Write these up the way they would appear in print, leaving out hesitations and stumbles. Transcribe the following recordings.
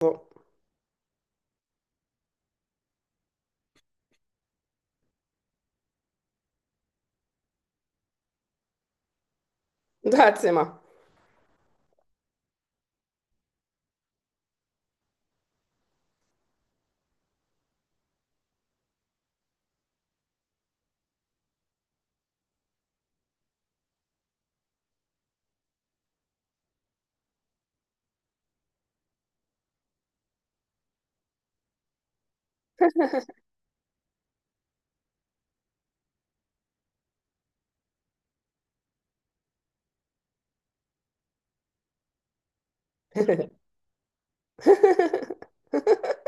So, erzähl mal.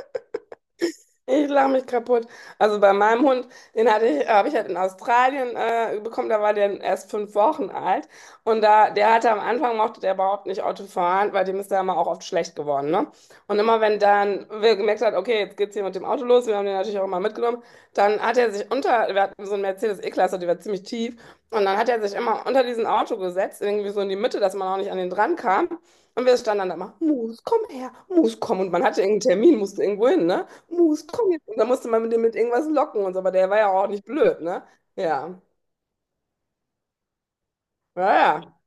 Ich lache mich kaputt. Also bei meinem Hund, den hatte ich, habe ich halt in Australien bekommen, da war der erst 5 Wochen alt. Und da, der hatte am Anfang mochte der überhaupt nicht Auto fahren, weil dem ist da immer auch oft schlecht geworden, ne? Und immer wenn dann wir gemerkt hat, okay, jetzt geht's hier mit dem Auto los, wir haben den natürlich auch immer mitgenommen, dann hat er sich unter, wir hatten so eine Mercedes E-Klasse, die war ziemlich tief, und dann hat er sich immer unter diesen Auto gesetzt, irgendwie so in die Mitte, dass man auch nicht an den dran kam. Und wir standen dann da immer, Mus, komm her, Mus, komm. Und man hatte irgendeinen Termin, musste irgendwo hin, ne? Mus, komm jetzt. Und dann musste man mit dem mit irgendwas locken und so, aber der war ja auch nicht blöd, ne? Ja. Ja, ja.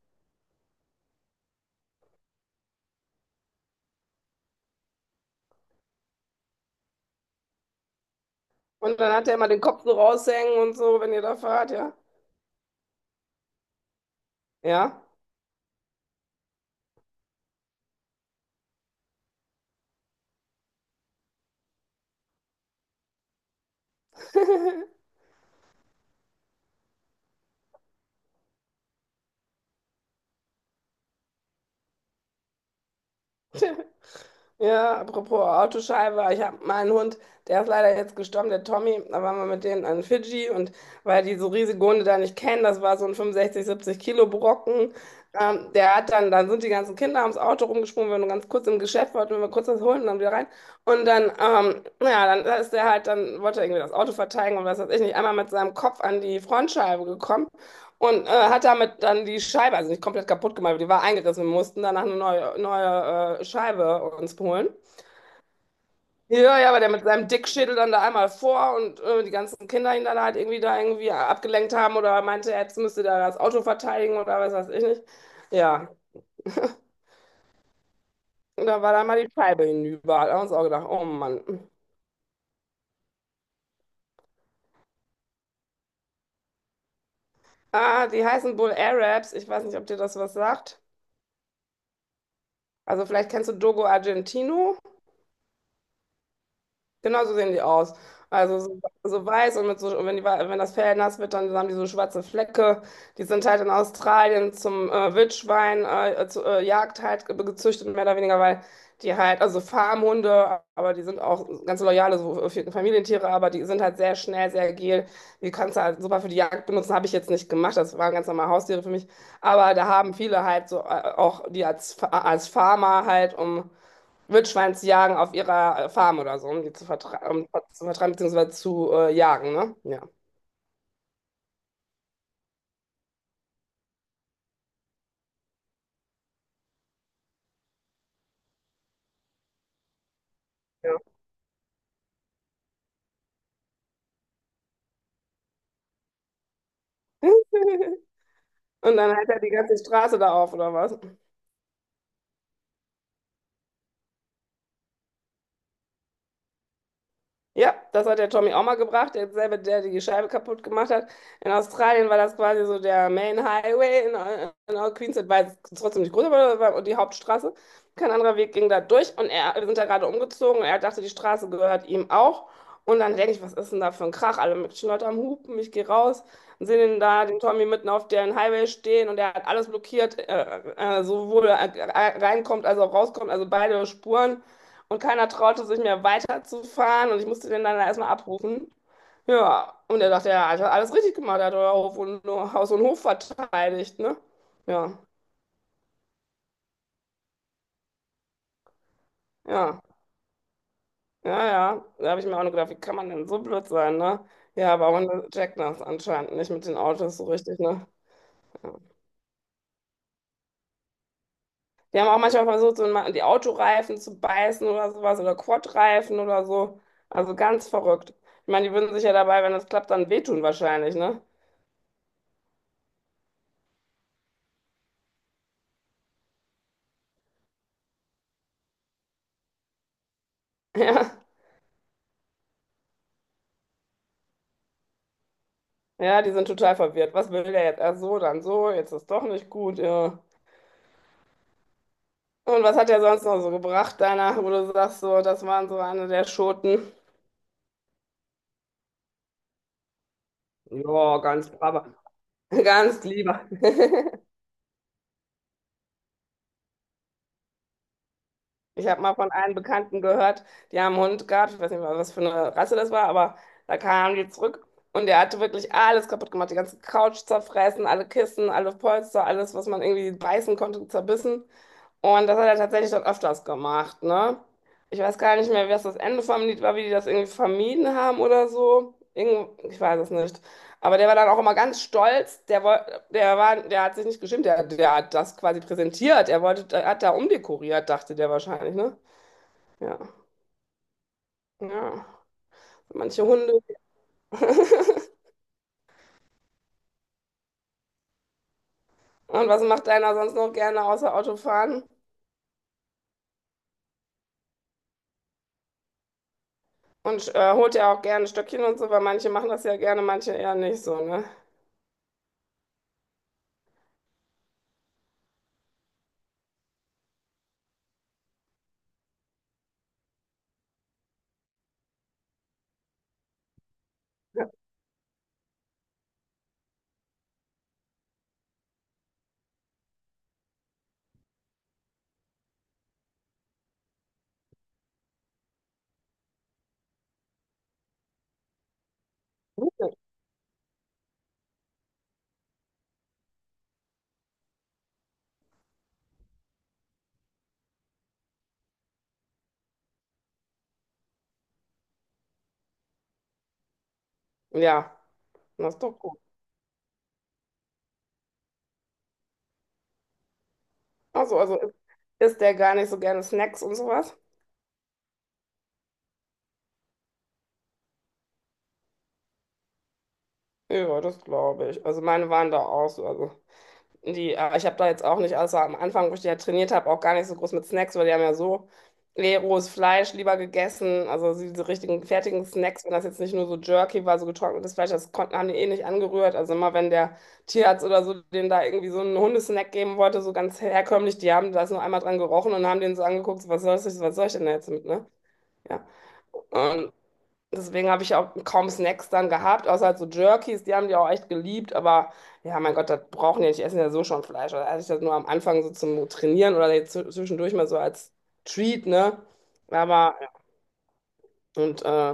Und dann hat er immer den Kopf so raushängen und so, wenn ihr da fahrt, ja. Ja. Ja, apropos Autoscheibe, ich habe meinen Hund, der ist leider jetzt gestorben, der Tommy, da waren wir mit denen an Fidschi und weil die so riesige Hunde da nicht kennen, das war so ein 65, 70 Kilo Brocken, der hat dann, dann sind die ganzen Kinder ums Auto rumgesprungen, wir waren nur ganz kurz im Geschäft, wollten wir kurz was holen und dann wieder rein und dann, ja, dann ist der halt, dann wollte er irgendwie das Auto verteidigen und was weiß ich nicht, einmal mit seinem Kopf an die Frontscheibe gekommen und hat damit dann die Scheibe, also nicht komplett kaputt gemacht, aber die war eingerissen. Wir mussten danach eine neue, neue Scheibe uns holen. Ja, ja, aber der mit seinem Dickschädel dann da einmal vor und die ganzen Kinder ihn dann halt irgendwie da irgendwie abgelenkt haben oder meinte, jetzt müsste da das Auto verteidigen oder was weiß ich nicht. Ja, und da war dann mal die Scheibe hinüber. Da haben wir uns auch gedacht, oh Mann. Ah, die heißen Bull Arabs. Ich weiß nicht, ob dir das was sagt. Also vielleicht kennst du Dogo Argentino. Genau so sehen die aus. Also so, so weiß und mit so, und wenn die, wenn das Fell nass wird, dann haben die so schwarze Flecke. Die sind halt in Australien zum Wildschwein, zu, Jagd halt gezüchtet, mehr oder weniger, weil die halt, also Farmhunde, aber die sind auch ganz loyale so, Familientiere, aber die sind halt sehr schnell, sehr agil. Die kannst du halt super für die Jagd benutzen, habe ich jetzt nicht gemacht, das waren ganz normale Haustiere für mich. Aber da haben viele halt so auch die als, als Farmer halt, um Wildschwein zu jagen auf ihrer Farm oder so, um die zu vertreiben, um, zu vertreiben beziehungsweise zu jagen, ne? Ja. Ja. Und dann hält er die ganze Straße da auf, oder was? Ja, das hat der Tommy auch mal gebracht, derselbe, der die Scheibe kaputt gemacht hat. In Australien war das quasi so der Main Highway in, Queensland, war jetzt trotzdem nicht groß, aber das war die Hauptstraße. Kein anderer Weg ging da durch und er, wir sind da gerade umgezogen und er dachte, die Straße gehört ihm auch. Und dann denke ich, was ist denn da für ein Krach? Alle möglichen Leute am Hupen, ich gehe raus und sehe den da, den Tommy mitten auf dem Highway stehen und er hat alles blockiert, sowohl reinkommt als auch rauskommt, also beide Spuren. Und keiner traute sich mehr weiterzufahren und ich musste den dann erstmal abrufen. Ja, und er dachte, ja, hat alles richtig gemacht, er hat euer Hof und, Haus und Hof verteidigt, ne? Ja, ja, ja, ja. Da habe ich mir auch nur gedacht, wie kann man denn so blöd sein, ne? Ja, aber man checkt das anscheinend nicht mit den Autos so richtig, ne? Ja. Die haben auch manchmal versucht, so mal die Autoreifen zu beißen oder sowas oder Quadreifen oder so. Also ganz verrückt. Ich meine, die würden sich ja dabei, wenn das klappt, dann wehtun wahrscheinlich, ne? Ja. Ja, die sind total verwirrt. Was will der jetzt? Erst so, dann so, jetzt ist doch nicht gut. Ja. Und was hat er sonst noch so gebracht, deiner, wo du sagst, so, das waren so eine der Schoten? Ja, ganz braver, ganz lieber. Ich habe mal von einem Bekannten gehört, die haben einen Hund gehabt, ich weiß nicht mal, was für eine Rasse das war, aber da kamen die zurück und der hatte wirklich alles kaputt gemacht, die ganze Couch zerfressen, alle Kissen, alle Polster, alles, was man irgendwie beißen konnte, zerbissen. Und das hat er tatsächlich dann öfters gemacht, ne? Ich weiß gar nicht mehr, was das Ende vom Lied war, wie die das irgendwie vermieden haben oder so. Ich weiß es nicht. Aber der war dann auch immer ganz stolz. Der hat sich nicht geschämt. Der hat das quasi präsentiert. Er wollte, er hat da umdekoriert, dachte der wahrscheinlich, ne? Ja, ja. Manche Hunde. Und was macht einer sonst noch gerne außer Autofahren? Und holt ja auch gerne Stöckchen und so, weil manche machen das ja gerne, manche eher nicht so, ne? Ja, ja, das ist doch gut. Also isst der gar nicht so gerne Snacks und sowas? Ja, das glaube ich. Also meine waren da auch so. Also ich habe da jetzt auch nicht, außer am Anfang, wo ich die ja trainiert habe, auch gar nicht so groß mit Snacks, weil die haben ja so rohes Fleisch lieber gegessen. Also so diese richtigen fertigen Snacks, wenn das jetzt nicht nur so Jerky war, so getrocknetes Fleisch, haben die eh nicht angerührt. Also immer wenn der Tierarzt oder so denen da irgendwie so einen Hundesnack geben wollte, so ganz herkömmlich, die haben das nur einmal dran gerochen und haben den so angeguckt, so, was soll ich denn da jetzt mit, ne? Ja. Und deswegen habe ich auch kaum Snacks dann gehabt, außer halt so Jerkies, die haben die auch echt geliebt, aber ja, mein Gott, das brauchen die ja nicht, die essen ja so schon Fleisch. Also hatte ich das nur am Anfang so zum Trainieren oder jetzt zwischendurch mal so als Treat, ne? Aber, ja. Und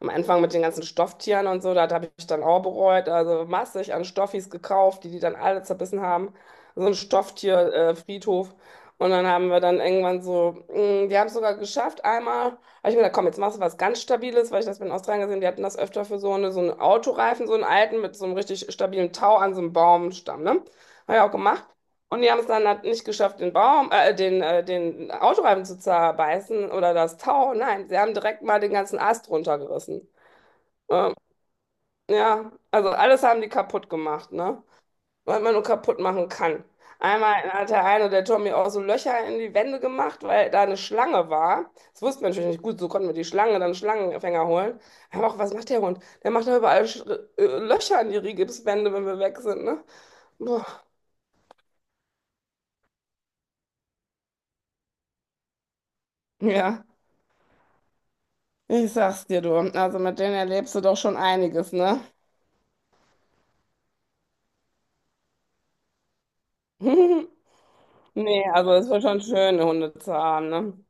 am Anfang mit den ganzen Stofftieren und so, das habe ich dann auch bereut. Also massig an Stoffis gekauft, die die dann alle zerbissen haben. So ein Stofftierfriedhof. Friedhof. Und dann haben wir dann irgendwann so, die haben es sogar geschafft. Einmal habe ich mir gedacht, komm, jetzt machst du was ganz Stabiles, weil ich das in Australien gesehen, die hatten das öfter für so, so einen Autoreifen, so einen alten mit so einem richtig stabilen Tau an so einem Baumstamm. Ne? Habe ich auch gemacht. Und die haben es dann halt nicht geschafft, den Autoreifen zu zerbeißen oder das Tau. Nein, sie haben direkt mal den ganzen Ast runtergerissen. Ähm, ja, also alles haben die kaputt gemacht, ne? Was man nur kaputt machen kann. Einmal hat der eine, der Tommy, auch so Löcher in die Wände gemacht, weil da eine Schlange war. Das wussten wir natürlich nicht gut, so konnten wir die Schlange, dann Schlangenfänger holen. Aber auch, was macht der Hund? Der macht da überall Sch Löcher in die Rigipswände, wenn wir weg sind, ne? Boah. Ja, ich sag's dir, du. Also mit denen erlebst du doch schon einiges, ne? Nee, also es war schon schön, Hunde zu haben, ne?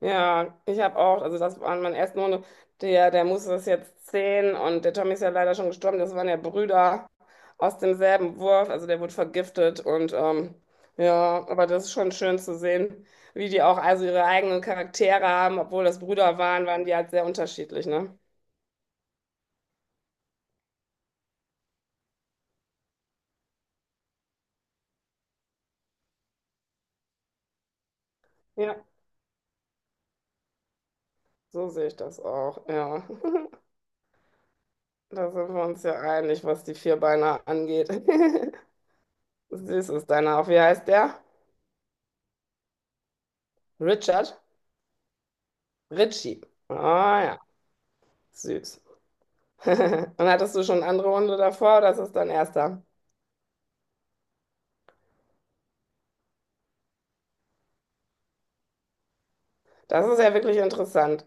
Ja, ich habe auch, also das waren meine ersten Hunde, der Musse ist jetzt 10 und der Tommy ist ja leider schon gestorben, das waren ja Brüder aus demselben Wurf, also der wurde vergiftet und ja, aber das ist schon schön zu sehen, wie die auch also ihre eigenen Charaktere haben, obwohl das Brüder waren, waren die halt sehr unterschiedlich, ne? Ja, so sehe ich das auch, ja. Da sind wir uns ja einig, was die Vierbeiner angeht. Süß ist deiner auch, wie heißt der? Richard? Richie. Ah, ja. Süß. Und hattest du schon andere Hunde davor oder ist es dein erster? Das ist ja wirklich interessant.